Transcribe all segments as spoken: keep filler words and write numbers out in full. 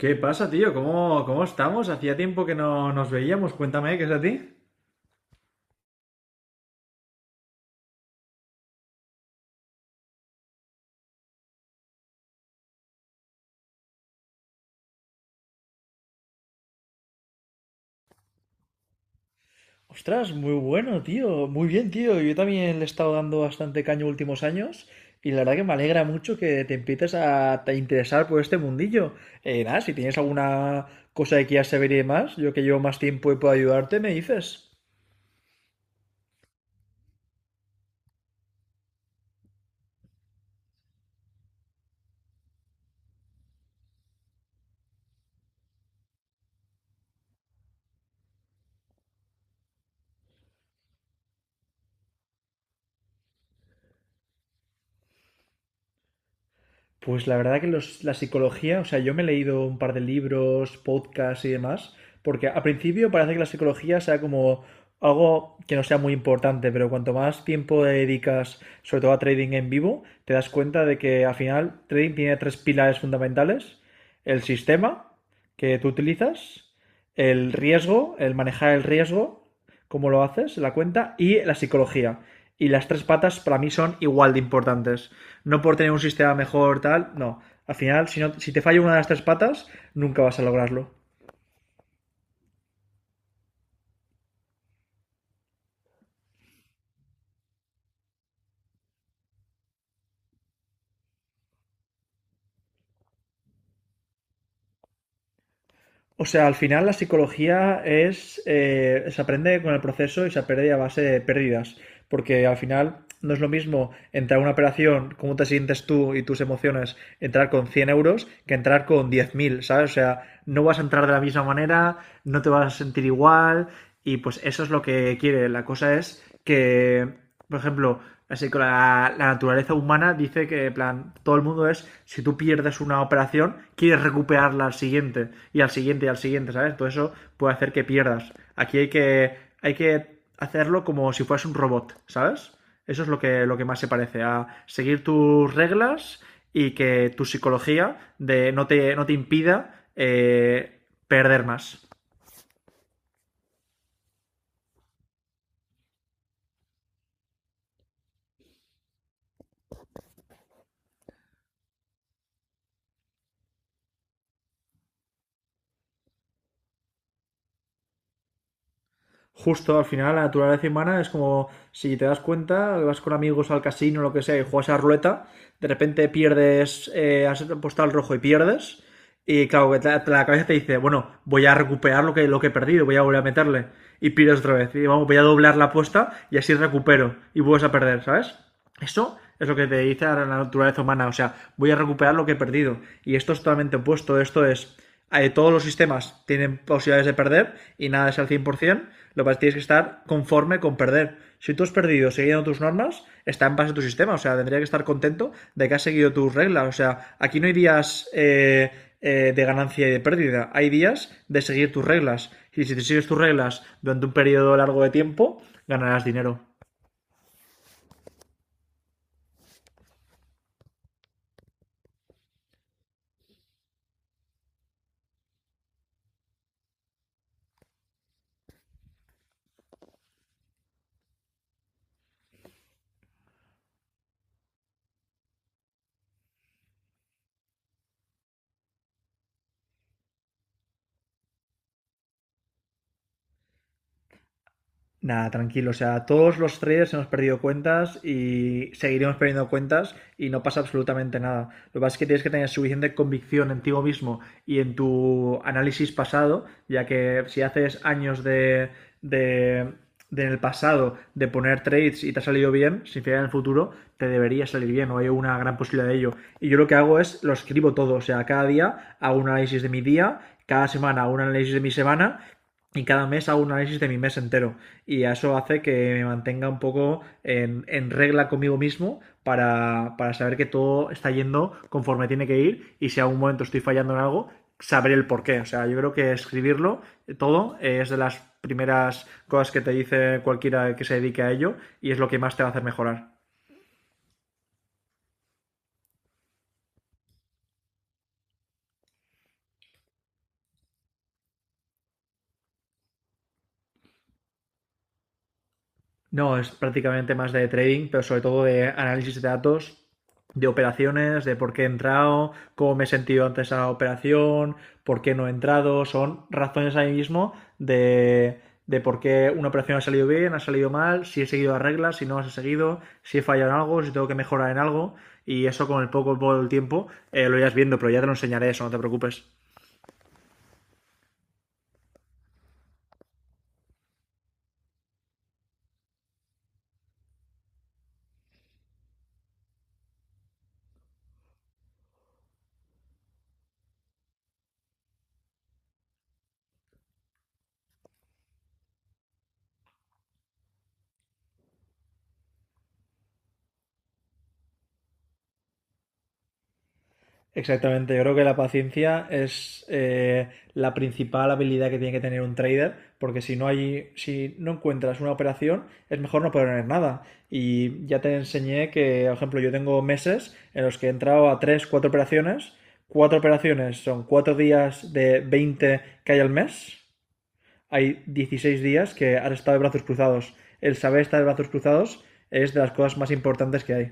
¿Qué pasa, tío? ¿Cómo, cómo estamos? Hacía tiempo que no nos veíamos. Cuéntame, ¿qué es de ti? Ostras, muy bueno, tío. Muy bien, tío. Yo también le he estado dando bastante caño últimos años y la verdad que me alegra mucho que te empieces a te interesar por este mundillo. Eh, nada, si tienes alguna cosa que quieras saber y demás, yo que llevo más tiempo y puedo ayudarte, me dices. Pues la verdad que los- la psicología, o sea, yo me he leído un par de libros, podcasts y demás, porque al principio parece que la psicología sea como algo que no sea muy importante, pero cuanto más tiempo le dedicas, sobre todo a trading en vivo, te das cuenta de que al final trading tiene tres pilares fundamentales, el sistema que tú utilizas, el riesgo, el manejar el riesgo, cómo lo haces, la cuenta, y la psicología. Y las tres patas para mí son igual de importantes no por tener un sistema mejor, tal, no. Al final, si, no, si te falla una de las tres patas, nunca vas a lograrlo. O sea, al final la psicología es, eh, se aprende con el proceso y se aprende a base de pérdidas, porque al final no es lo mismo entrar a una operación, cómo te sientes tú y tus emociones, entrar con cien euros que entrar con diez mil, ¿sabes? O sea, no vas a entrar de la misma manera, no te vas a sentir igual y pues eso es lo que quiere. La cosa es que por ejemplo, así que la, la naturaleza humana dice que, en plan, todo el mundo es, si tú pierdes una operación, quieres recuperarla al siguiente, y al siguiente, y al siguiente, ¿sabes? Todo eso puede hacer que pierdas. Aquí hay que, hay que hacerlo como si fueras un robot, ¿sabes? Eso es lo que, lo que más se parece, a seguir tus reglas y que tu psicología de no te, no te impida eh, perder más. Justo al final la naturaleza humana es como si te das cuenta, vas con amigos al casino, o lo que sea, y juegas a ruleta, de repente pierdes, eh, has apostado al rojo y pierdes, y claro, que te- la cabeza te dice, bueno, voy a recuperar lo que, lo que he perdido, voy a volver a meterle, y pierdes otra vez, y vamos, voy a doblar la apuesta y así recupero, y vuelves a perder, ¿sabes? Eso es lo que te dice la naturaleza humana, o sea, voy a recuperar lo que he perdido. Y esto es totalmente opuesto, esto es, eh, todos los sistemas tienen posibilidades de perder y nada es al cien por ciento, lo que tienes que estar conforme con perder. Si tú has perdido siguiendo tus normas, está en base a tu sistema, o sea, tendría que estar contento de que has seguido tus reglas, o sea, aquí no hay días eh, eh, de ganancia y de pérdida, hay días de seguir tus reglas, y si te sigues tus reglas durante un periodo largo de tiempo, ganarás dinero. Nada, tranquilo. O sea, todos los traders hemos perdido cuentas y seguiremos perdiendo cuentas y no pasa absolutamente nada. Lo que pasa es que tienes que tener suficiente convicción en ti mismo y en tu análisis pasado, ya que si haces años de, de, de en el pasado de poner trades y te ha salido bien, sin fiar en el futuro, te debería salir bien o hay una gran posibilidad de ello. Y yo lo que hago es lo escribo todo. O sea, cada día hago un análisis de mi día, cada semana hago un análisis de mi semana y cada mes hago un análisis de mi mes entero y eso hace que me mantenga un poco en, en regla conmigo mismo para, para saber que todo está yendo conforme tiene que ir y si a un momento estoy fallando en algo, saber el por qué. O sea, yo creo que escribirlo todo eh, es de las primeras cosas que te dice cualquiera que se dedique a ello y es lo que más te va a hacer mejorar. No, es prácticamente más de trading, pero sobre todo de análisis de datos, de operaciones, de por qué he entrado, cómo me he sentido antes a la operación, por qué no he entrado. Son razones ahí mismo de, de por qué una operación ha salido bien, ha salido mal, si he seguido las reglas, si no las he seguido, si he fallado en algo, si tengo que mejorar en algo. Y eso con el poco, poco del tiempo eh, lo irás viendo, pero ya te lo enseñaré eso, no te preocupes. Exactamente, yo creo que la paciencia es eh, la principal habilidad que tiene que tener un trader, porque si no hay, si no encuentras una operación, es mejor no poner nada. Y ya te enseñé que, por ejemplo, yo tengo meses en los que he entrado a tres, cuatro operaciones. Cuatro operaciones son cuatro días de veinte que hay al mes. Hay dieciséis días que has estado de brazos cruzados. El saber estar de brazos cruzados es de las cosas más importantes que hay.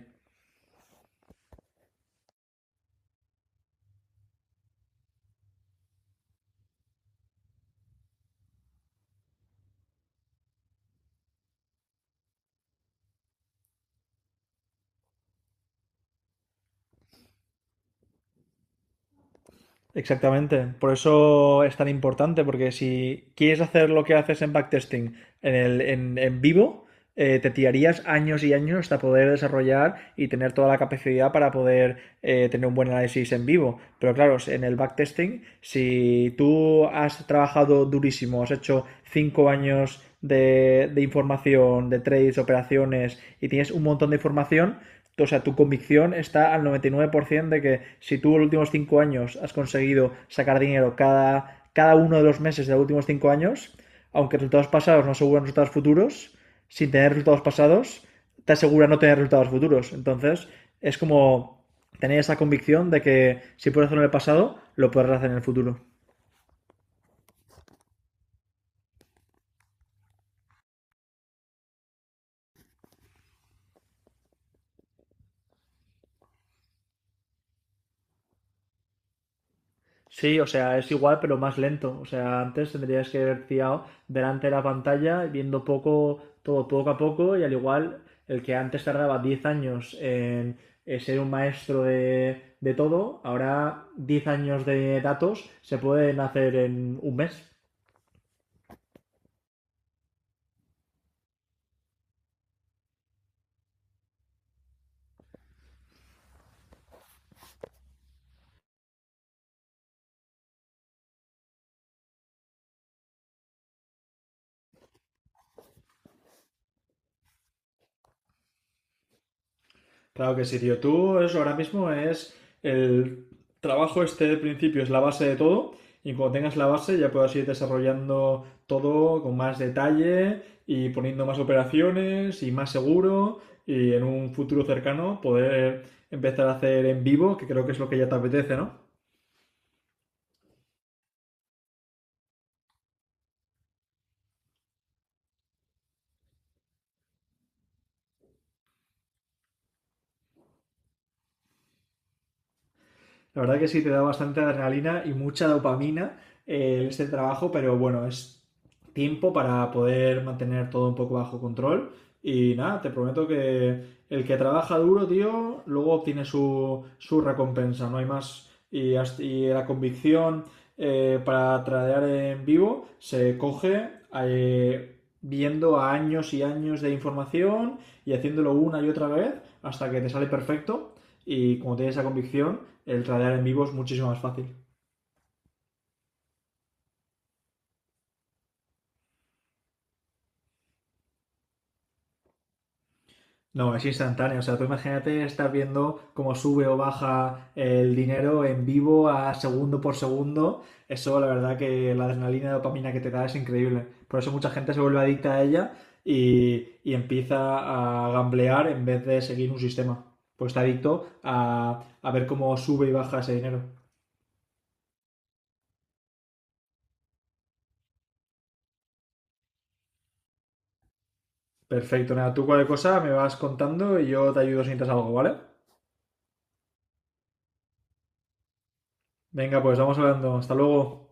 Exactamente, por eso es tan importante, porque si quieres hacer lo que haces en backtesting en, el, en, en vivo, eh, te tirarías años y años hasta poder desarrollar y tener toda la capacidad para poder eh, tener un buen análisis en vivo. Pero claro, en el backtesting, si tú has trabajado durísimo, has hecho cinco años de, de información, de trades, operaciones y tienes un montón de información, o sea, tu convicción está al noventa y nueve por ciento de que si tú en los últimos cinco años has conseguido sacar dinero cada, cada uno de los meses de los últimos cinco años, aunque resultados pasados no aseguran resultados futuros, sin tener resultados pasados, te asegura no tener resultados futuros. Entonces, es como tener esa convicción de que si puedes hacerlo en el pasado, lo puedes hacer en el futuro. Sí, o sea, es igual, pero más lento. O sea, antes tendrías que haber fiado delante de la pantalla, viendo poco, todo poco a poco, y al igual, el que antes tardaba diez años en, eh, ser un maestro de, de todo, ahora diez años de datos se pueden hacer en un mes. Claro que sí, tío. Tú eso ahora mismo es el trabajo este de principio, es la base de todo. Y cuando tengas la base ya puedas ir desarrollando todo con más detalle y poniendo más operaciones y más seguro y en un futuro cercano poder empezar a hacer en vivo, que creo que es lo que ya te apetece, ¿no? La verdad que sí, te da bastante adrenalina y mucha dopamina eh, este trabajo, pero bueno, es tiempo para poder mantener todo un poco bajo control. Y nada, te prometo que el que trabaja duro, tío, luego obtiene su, su recompensa, no hay más. Y, hasta- y la convicción eh, para tradear en vivo se coge eh, viendo a años y años de información y haciéndolo una y otra vez hasta que te sale perfecto y como tienes esa convicción, el tradear en vivo es muchísimo más fácil. No, es instantáneo. O sea, tú imagínate estar viendo cómo sube o baja el dinero en vivo a segundo por segundo. Eso, la verdad, que la adrenalina y dopamina que te da es increíble. Por eso mucha gente se vuelve adicta a ella y, y empieza a gamblear en vez de seguir un sistema. Pues está adicto a, a ver cómo sube y baja ese dinero. Perfecto, nada, tú cualquier cosa me vas contando y yo te ayudo si necesitas algo, ¿vale? Venga, pues vamos hablando. Hasta luego.